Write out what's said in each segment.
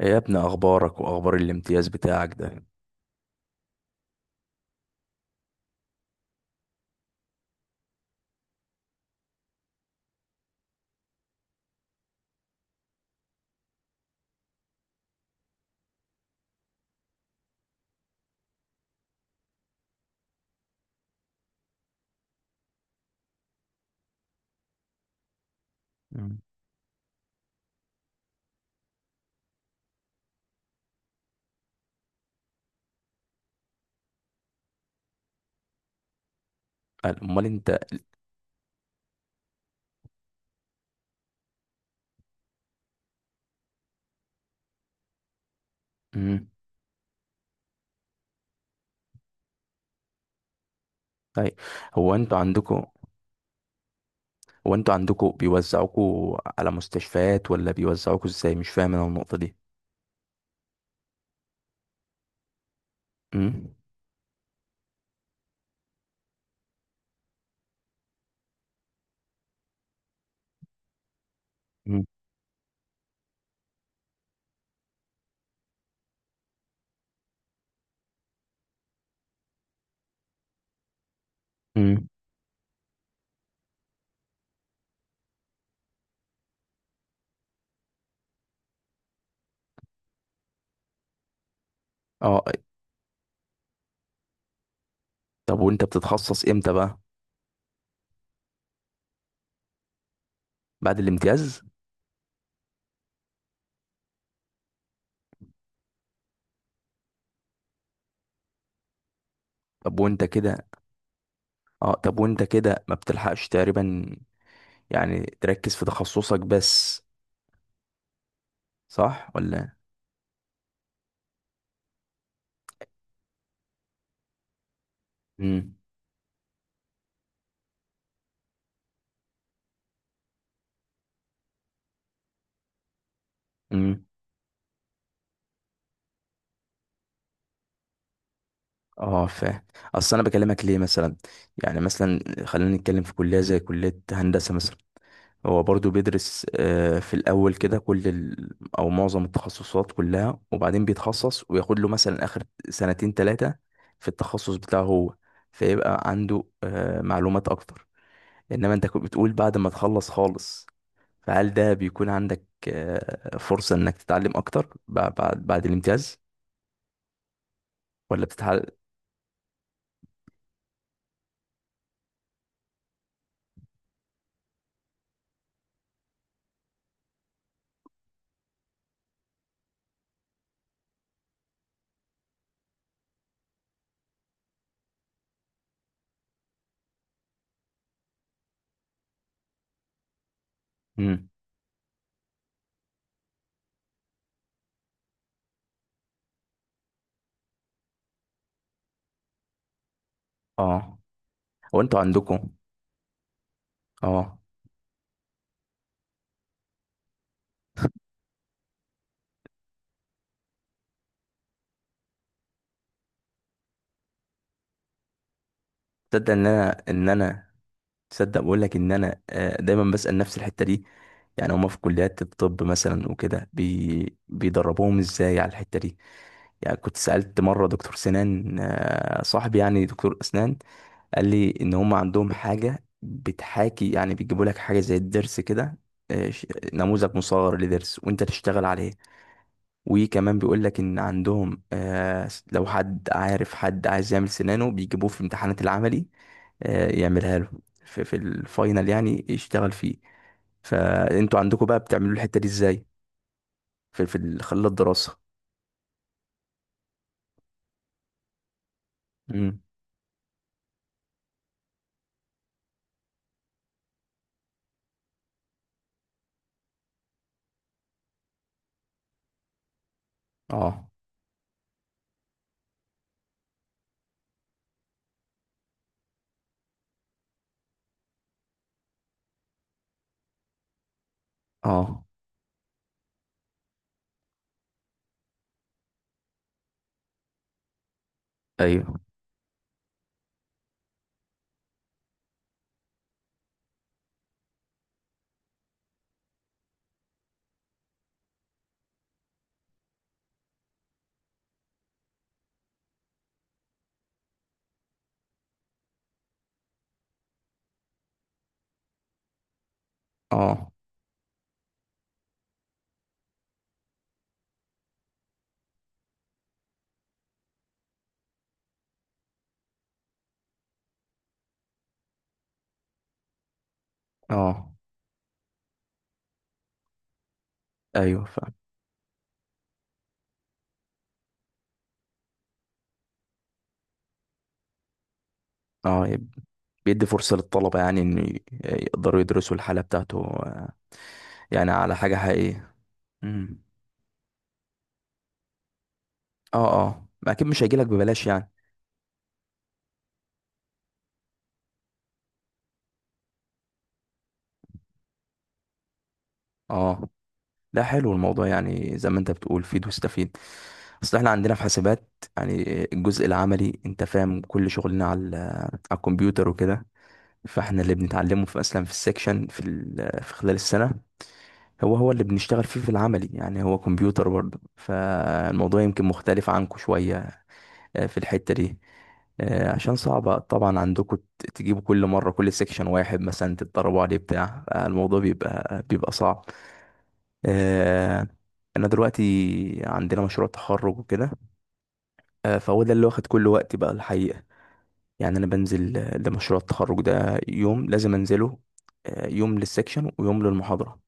إيه يا ابني، اخبارك واخبار الامتياز بتاعك ده؟ مم. قال، امال انت؟ مم. طيب. هو انتوا عندكم هو انتوا عندكم بيوزعوكوا على مستشفيات ولا بيوزعوكوا ازاي؟ مش فاهم انا النقطة دي. مم. مم. مم. اه. طب وانت بتتخصص امتى بقى؟ بعد الامتياز؟ طب وانت كده اه طب وانت كده ما بتلحقش تقريبا؟ يعني تركز في تخصصك بس، صح ولا؟ مم. مم. اه، فاهم. اصل انا بكلمك ليه مثلا؟ يعني مثلا، خلينا نتكلم في كليه زي كليه هندسه مثلا، هو برضو بيدرس في الاول كده كل ال... او معظم التخصصات كلها، وبعدين بيتخصص وياخد له مثلا اخر 2 ،3 سنين في التخصص بتاعه هو، فيبقى عنده معلومات اكتر. انما انت كنت بتقول بعد ما تخلص خالص، فهل ده بيكون عندك فرصه انك تتعلم اكتر بعد بعد الامتياز ولا بتتعلم؟ امم. اه. هو انتوا عندكم. اه. تصدق ان انا ان انا تصدق بقول لك ان انا دايما بسأل نفس الحتة دي. يعني هما في كليات الطب مثلا وكده بيدربوهم ازاي على الحتة دي؟ يعني كنت سألت مرة دكتور سنان، صاحبي يعني دكتور اسنان، قال لي ان هما عندهم حاجة بتحاكي، يعني بيجيبوا لك حاجة زي الضرس كده، آه، ش- نموذج مصغر لضرس وانت تشتغل عليه. وكمان بيقول لك ان عندهم لو حد عارف حد عايز يعمل سنانه بيجيبوه في امتحانات العملي، يعملها له في في, الفاينل، يعني يشتغل فيه. فانتوا عندكم بقى بتعملوا الحتة دي ازاي في, في خلال الدراسة؟ امم. اه. اه. ايوه. اه. اه. ايوه، فاهم. اه، بيدي فرصة للطلبة يعني ان يقدروا يدرسوا الحالة بتاعته، يعني على حاجة حقيقية. امم. اه، اه، ما اكيد مش هيجيلك ببلاش يعني. اه. لا، حلو الموضوع، يعني زي ما انت بتقول فيد واستفيد. اصل احنا عندنا في حاسبات، يعني الجزء العملي، انت فاهم، كل شغلنا على على الكمبيوتر وكده. فاحنا اللي بنتعلمه في اصلا في السكشن في في خلال السنة هو اللي بنشتغل فيه في العملي، يعني هو كمبيوتر برضه، فالموضوع يمكن مختلف عنكم شوية في الحتة دي. عشان صعبة طبعا عندكم تجيبوا كل مرة كل سكشن واحد مثلا تتدربوا عليه، بتاع الموضوع بيبقى صعب. آه، انا دلوقتي عندنا مشروع تخرج وكده، فهو ده اللي واخد كل وقتي بقى الحقيقة. يعني انا بنزل لمشروع التخرج ده يوم لازم انزله، يوم للسكشن ويوم للمحاضرة.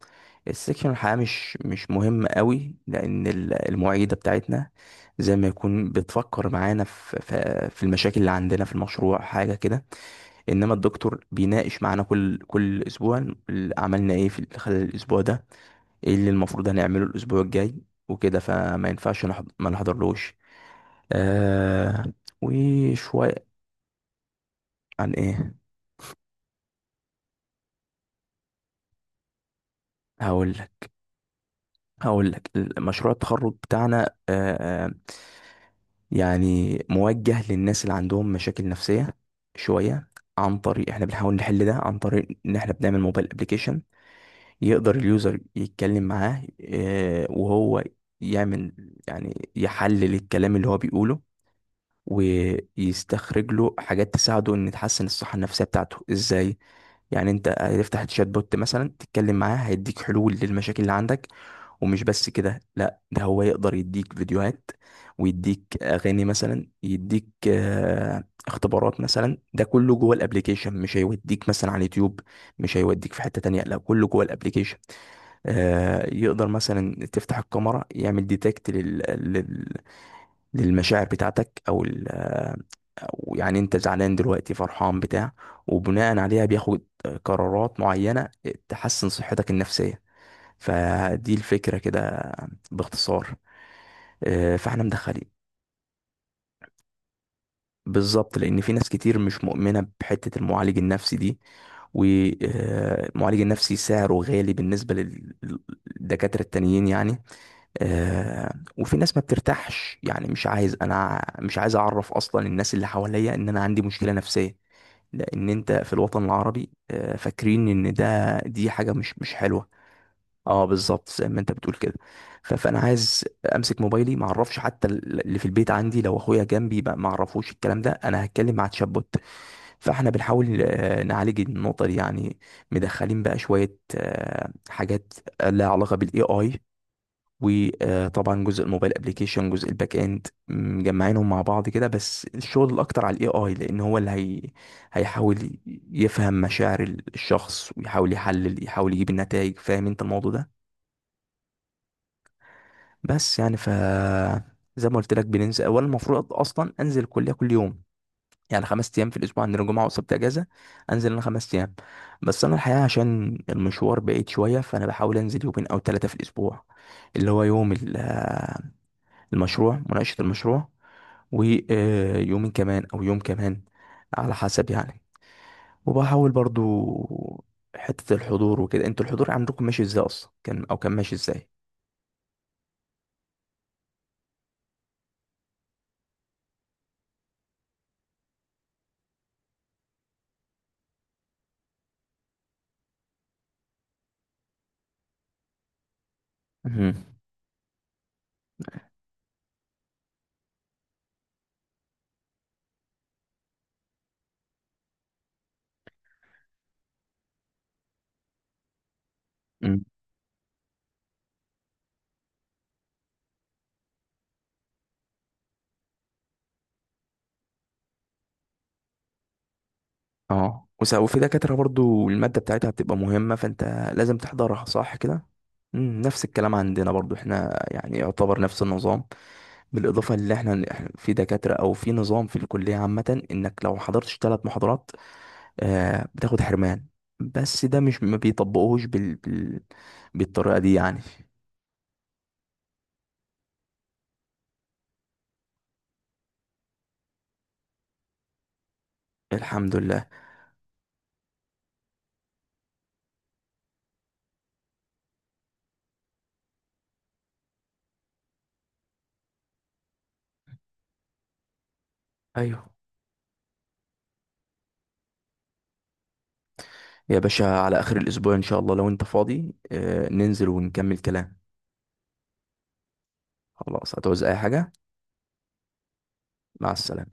السكشن الحقيقة مش مهم قوي، لان المعيدة بتاعتنا زي ما يكون بتفكر معانا في المشاكل اللي عندنا في المشروع، حاجة كده. انما الدكتور بيناقش معانا كل اسبوع عملنا ايه في خلال الاسبوع ده، ايه اللي المفروض هنعمله الاسبوع الجاي وكده، فما ينفعش ما نحضرلوش. آه، وشوية. عن ايه؟ هقول لك. هقول لك. مشروع التخرج بتاعنا يعني موجه للناس اللي عندهم مشاكل نفسية شوية. عن طريق احنا بنحاول نحل ده عن طريق ان احنا بنعمل موبايل ابليكيشن يقدر اليوزر يتكلم معاه، آه، وهو يعمل، يعني يحلل الكلام اللي هو بيقوله ويستخرج له حاجات تساعده ان تحسن الصحة النفسية بتاعته ازاي. يعني انت هتفتح الشات بوت مثلا تتكلم معاه هيديك حلول للمشاكل اللي عندك. ومش بس كده، لا، ده هو يقدر يديك فيديوهات ويديك اغاني مثلا، يديك اختبارات مثلا، ده كله جوه الابليكيشن، مش هيوديك مثلا على اليوتيوب، مش هيوديك في حتة تانية، لا، كله جوه الابليكيشن. يقدر مثلا تفتح الكاميرا يعمل ديتكت للمشاعر بتاعتك او ال... أو يعني انت زعلان دلوقتي، فرحان، بتاع، وبناء عليها بياخد قرارات معينة تحسن صحتك النفسية. فدي الفكرة كده باختصار. فاحنا مدخلين. بالظبط، لان في ناس كتير مش مؤمنه بحته المعالج النفسي دي، والمعالج النفسي سعره غالي بالنسبه للدكاتره التانيين يعني. آه، وفي ناس ما بترتاحش، يعني مش عايز، انا مش عايز اعرف اصلا الناس اللي حواليا ان انا عندي مشكله نفسيه، لان انت في الوطن العربي فاكرين ان ده دي حاجه مش حلوه. اه، بالظبط زي ما انت بتقول كده. فانا عايز امسك موبايلي ما اعرفش حتى اللي في البيت عندي، لو اخويا جنبي ما اعرفوش الكلام ده، انا هتكلم مع تشات. فاحنا بنحاول نعالج النقطه دي يعني. مدخلين بقى شويه حاجات لها علاقه بالاي اي. وطبعا جزء الموبايل ابلكيشن، جزء الباك اند، مجمعينهم مع بعض كده، بس الشغل الاكتر على AI، لان هو اللي هي هيحاول يفهم مشاعر الشخص، ويحاول يحلل، يحاول يجيب النتائج. فاهم انت الموضوع ده؟ بس يعني، ف... زي ما قلت لك، بننزل اولا، المفروض اصلا انزل الكليه كل يوم، يعني 5 ايام في الاسبوع، عندنا جمعه وسبت اجازه، انزل انا 5 ايام. بس انا الحقيقه عشان المشوار بعيد شويه، فانا بحاول انزل 2 او 3 في الاسبوع، اللي هو يوم المشروع، مناقشه المشروع، ويومين كمان او يوم كمان، على حسب يعني. وبحاول برضو حته الحضور وكده. انتوا الحضور عندكم ماشي ازاي اصلا، كان او كان ماشي ازاي؟ مهم. اه. وفي دكاترة برضو المادة بتاعتها بتبقى مهمة، فانت لازم تحضرها، صح كده؟ مم، نفس الكلام عندنا برضو، احنا يعني يعتبر نفس النظام. بالإضافة اللي إحنا في دكاترة، أو في نظام في الكلية عامة، إنك لو حضرتش 3 محاضرات آه بتاخد حرمان، بس ده مش ما بيطبقوهش بالطريقة دي يعني. الحمد لله. أيوه يا باشا، على آخر الأسبوع إن شاء الله لو أنت فاضي آه ننزل ونكمل كلام. خلاص. هتعوز أي حاجة؟ مع السلامة.